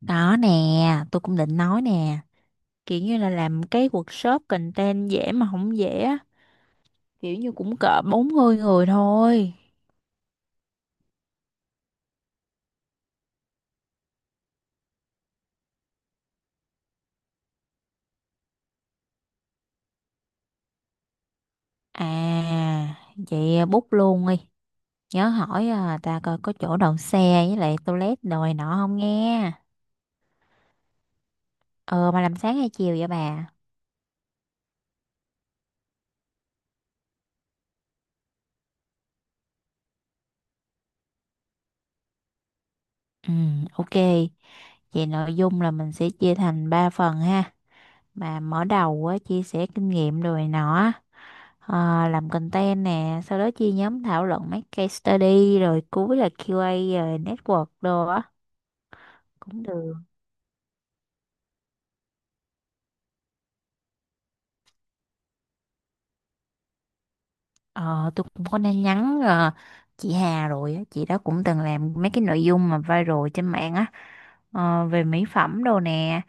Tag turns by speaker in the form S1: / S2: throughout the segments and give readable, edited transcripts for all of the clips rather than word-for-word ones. S1: Đó nè, tôi cũng định nói nè, kiểu như là làm cái workshop content dễ mà không dễ á. Kiểu như cũng cỡ 40 người thôi. À, vậy bút luôn đi. Nhớ hỏi à, ta coi có chỗ đậu xe với lại toilet đồi nọ không nghe. Ờ mà làm sáng hay chiều vậy bà? Ừ, ok. Vậy nội dung là mình sẽ chia thành 3 phần ha. Mà mở đầu á, chia sẻ kinh nghiệm rồi nọ, làm content nè, sau đó chia nhóm thảo luận mấy case study, rồi cuối là QA rồi network đồ á. Cũng được. Ờ, tôi cũng có nên nhắn chị Hà rồi á, chị đó cũng từng làm mấy cái nội dung mà viral trên mạng á, về mỹ phẩm đồ nè.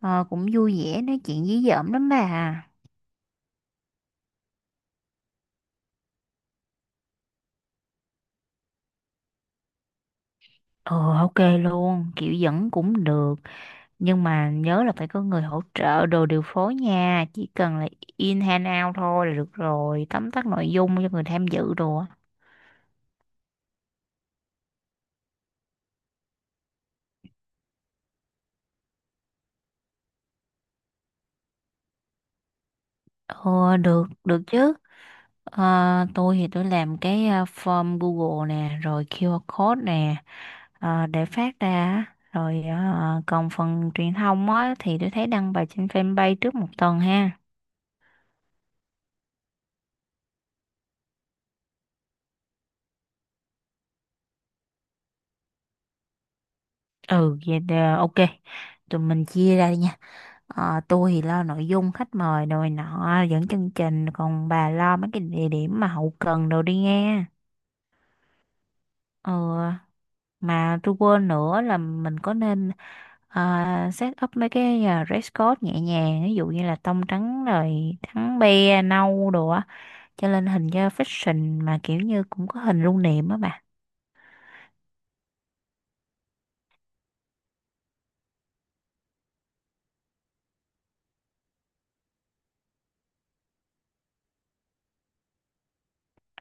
S1: Cũng vui vẻ nói chuyện dí dỏm lắm bà. Ờ ok luôn, kiểu dẫn cũng được, nhưng mà nhớ là phải có người hỗ trợ đồ điều phối nha, chỉ cần là in hand out thôi là được rồi, tóm tắt nội dung cho người tham dự đồ á. Ờ, được được chứ. Ờ, tôi thì tôi làm cái form Google nè, rồi QR code nè, để phát ra á. Rồi còn phần truyền thông á thì tôi thấy đăng bài trên fanpage trước một tuần ha. Ừ vậy, ok, tụi mình chia ra đi nha. Ờ, tôi thì lo nội dung khách mời rồi nọ dẫn chương trình, còn bà lo mấy cái địa điểm mà hậu cần đồ đi nghe. ờ mà tôi quên nữa là mình có nên set up mấy cái dress code nhẹ nhàng, ví dụ như là tông trắng rồi trắng be nâu đồ á, cho lên hình cho fashion, mà kiểu như cũng có hình lưu niệm á bà.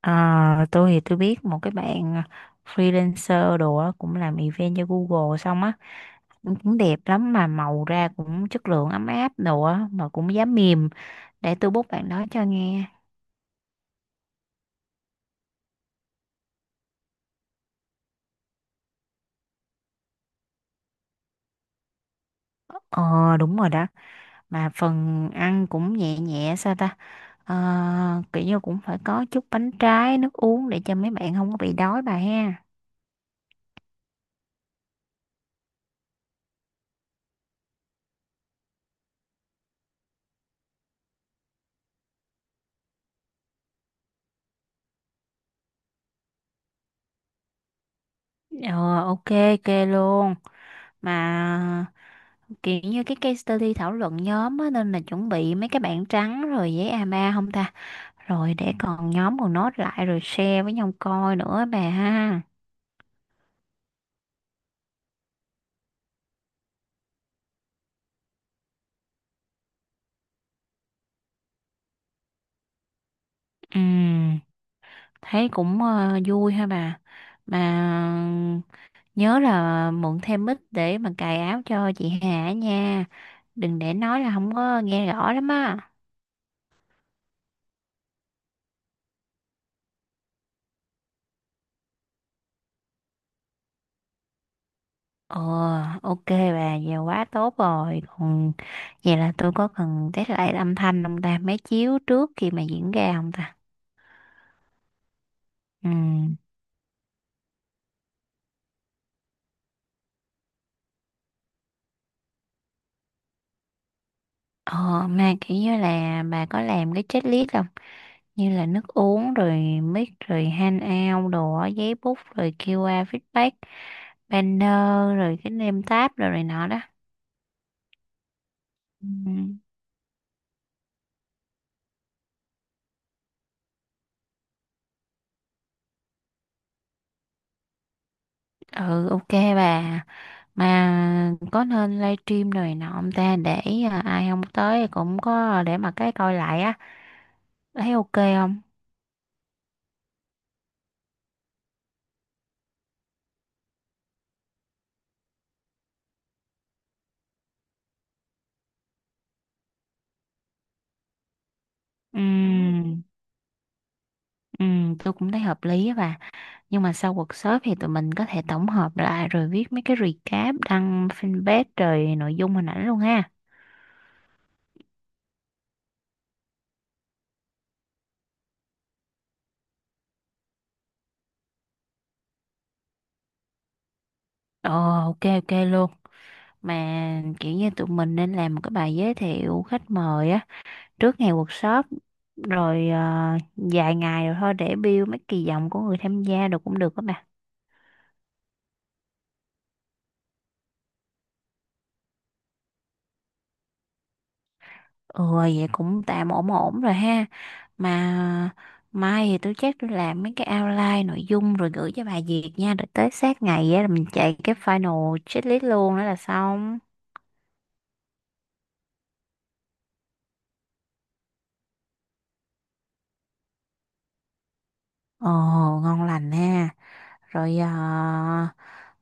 S1: Ờ, tôi thì tôi biết một cái bạn freelancer đồ á, cũng làm event cho Google xong á, cũng cũng đẹp lắm mà màu ra cũng chất lượng ấm áp đồ á, mà cũng giá mềm. Để tôi bút bạn đó cho nghe. Ờ, đúng rồi đó. Mà phần ăn cũng nhẹ nhẹ sao ta? Kiểu như cũng phải có chút bánh trái nước uống để cho mấy bạn không có bị đói bà ha. Ờ, ok ok luôn. Mà kiểu như cái case study thảo luận nhóm á, nên là chuẩn bị mấy cái bảng trắng rồi giấy a ba không ta, rồi để còn nhóm còn nốt lại rồi share với nhau coi nữa bà ha. Ừ, thấy cũng vui ha bà. Mà nhớ là mượn thêm mic để mà cài áo cho chị Hà nha. Đừng để nói là không có nghe rõ lắm á. Ờ, ok bà, giờ quá tốt rồi. Còn vậy là tôi có cần test lại âm thanh không ta? Máy chiếu trước khi mà diễn ra không ta? Ừ. Ờ, mà kiểu như là bà có làm cái checklist không? Như là nước uống rồi mic rồi handout đồ á, giấy bút rồi QR feedback, banner, rồi cái name tab rồi này nọ đó. Ừ. Ừ, ok bà. Mà có nên livestream rồi nọ ông ta để ai không tới cũng có để mà cái coi lại á. Thấy ok không? Ừ. Ừ, tôi cũng thấy hợp lý á bà. Nhưng mà sau workshop thì tụi mình có thể tổng hợp lại rồi viết mấy cái recap đăng fanpage rồi nội dung hình ảnh luôn ha. Ờ, ok ok luôn. Mà kiểu như tụi mình nên làm một cái bài giới thiệu khách mời á trước ngày workshop, rồi vài ngày rồi thôi để build mấy kỳ vọng của người tham gia, được cũng được các bạn. Ừ vậy cũng tạm ổn ổn rồi ha. Mà mai thì tôi chắc tôi làm mấy cái outline nội dung rồi gửi cho bà Diệp nha, rồi tới sát ngày á là mình chạy cái final checklist luôn, đó là xong. Ồ, ngon lành ha. Rồi à,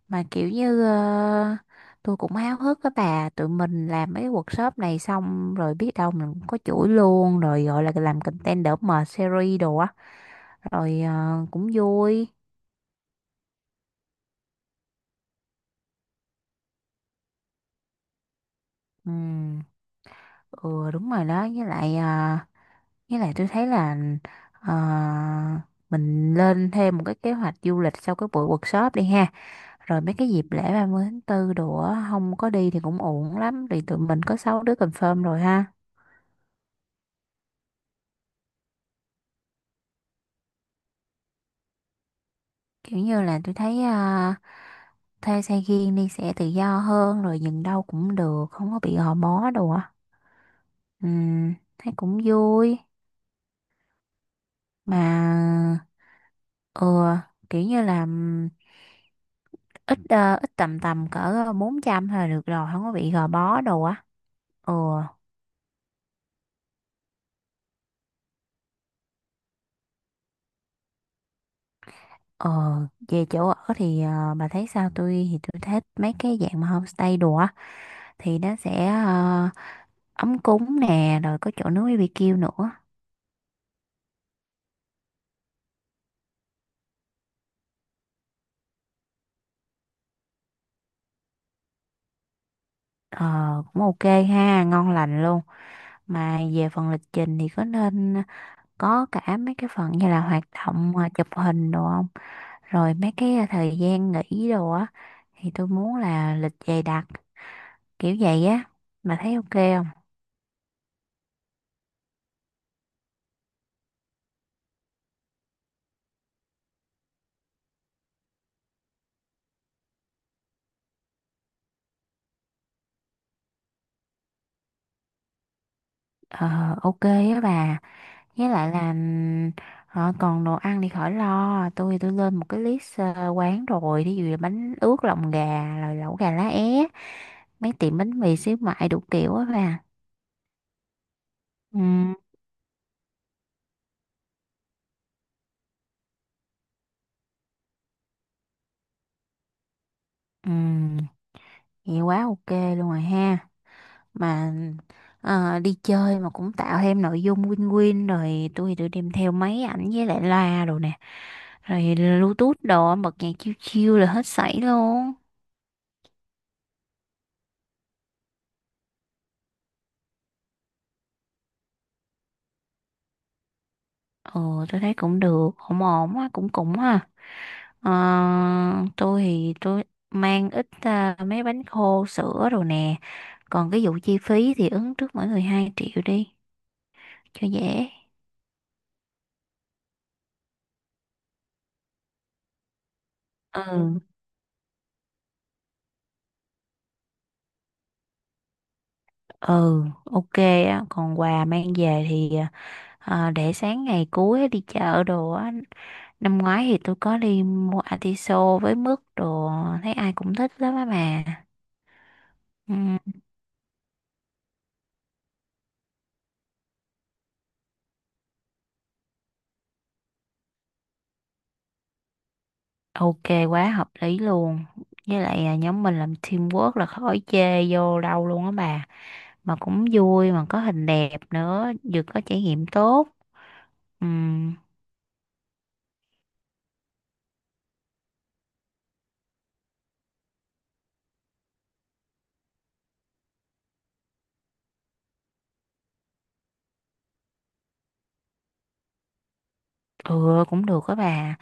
S1: mà kiểu như tôi cũng háo hức á bà. Tụi mình làm mấy workshop này xong rồi biết đâu mình cũng có chuỗi luôn, rồi gọi là làm content đỡ mệt series đồ á, rồi cũng vui. Ừ. Ừ, đúng rồi đó. Với lại tôi thấy là à, mình lên thêm một cái kế hoạch du lịch sau cái buổi workshop đi ha, rồi mấy cái dịp lễ 30 tháng 4 đồ á, không có đi thì cũng uổng lắm. Thì tụi mình có 6 đứa confirm rồi ha. Kiểu như là tôi thấy thuê xe riêng đi sẽ tự do hơn, rồi dừng đâu cũng được không có bị gò bó đồ á. Thấy cũng vui mà. Ừ. Kiểu như là ít tầm tầm cỡ 400 là được rồi, không có bị gò bó đồ á. Ừ. ờ Về chỗ ở thì bà thấy sao? Tôi thì tôi thích mấy cái dạng mà homestay đồ á, thì nó sẽ ấm cúng nè, rồi có chỗ nướng BBQ nữa. Ờ, cũng ok ha, ngon lành luôn. Mà về phần lịch trình thì có nên có cả mấy cái phần như là hoạt động chụp hình đồ không? Rồi mấy cái thời gian nghỉ đồ á, thì tôi muốn là lịch dày đặc kiểu vậy á. Bà thấy ok không? Ờ, ok á bà. Với lại là còn đồ ăn thì khỏi lo. Tôi lên một cái list quán rồi. Thí dụ là bánh ướt lòng gà, rồi lẩu gà lá é, mấy tiệm bánh mì xíu mại đủ kiểu á bà. Ừ. Ừ. Nghe quá ok luôn rồi ha. Mà đi chơi mà cũng tạo thêm nội dung win-win, rồi tôi đem theo máy ảnh với lại loa đồ nè. Rồi Bluetooth đồ bật nhạc chill chill là hết sảy luôn. Ừ, tôi thấy cũng được, ổn ổn á, cũng cũng ha. Ờ, tôi thì tôi mang ít mấy bánh khô sữa đồ nè. Còn cái vụ chi phí thì ứng trước mỗi người 2 triệu đi cho dễ. Ừ. Ừ, ok á. Còn quà mang về thì để sáng ngày cuối đi chợ đồ á. Năm ngoái thì tôi có đi mua atiso với mứt đồ, thấy ai cũng thích lắm á mà. Ừ, ok, quá hợp lý luôn. Với lại à, nhóm mình làm teamwork là khỏi chê vô đâu luôn á bà, mà cũng vui mà có hình đẹp nữa, vừa có trải nghiệm tốt. Ừ. Ừ, cũng được á bà.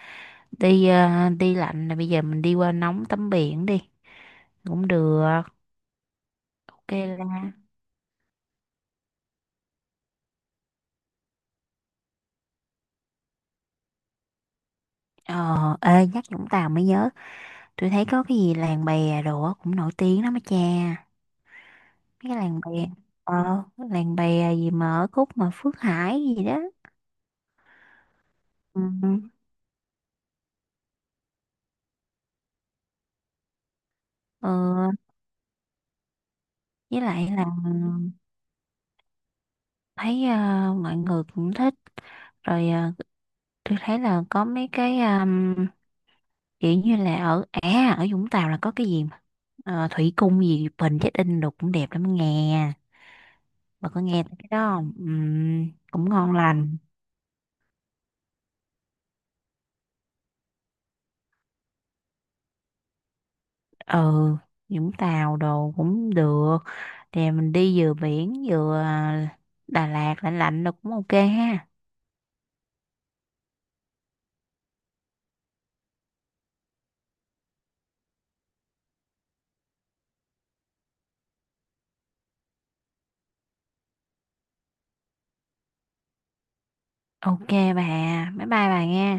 S1: Đi lạnh là bây giờ mình đi qua nóng tắm biển đi, cũng được, ok. Ờ, ê, nhắc Vũng Tàu mới nhớ. Tôi thấy có cái gì làng bè đồ á cũng nổi tiếng lắm á cha. Mấy cái làng bè. Ờ, làng bè gì mà ở Cúc mà Phước Hải gì đó. Ừ. Ờ, với lại là thấy mọi người cũng thích. Rồi tôi thấy là có mấy cái kiểu như là ở Vũng Tàu là có cái gì mà thủy cung gì Bình Chết In đồ cũng đẹp lắm nghe. Bà có nghe tới cái đó không? Ừ, cũng ngon lành. Ừ, Vũng Tàu đồ cũng được. Thì mình đi vừa biển vừa Đà Lạt lạnh lạnh được cũng ok ha. Ok bà, bye bye bà nghe.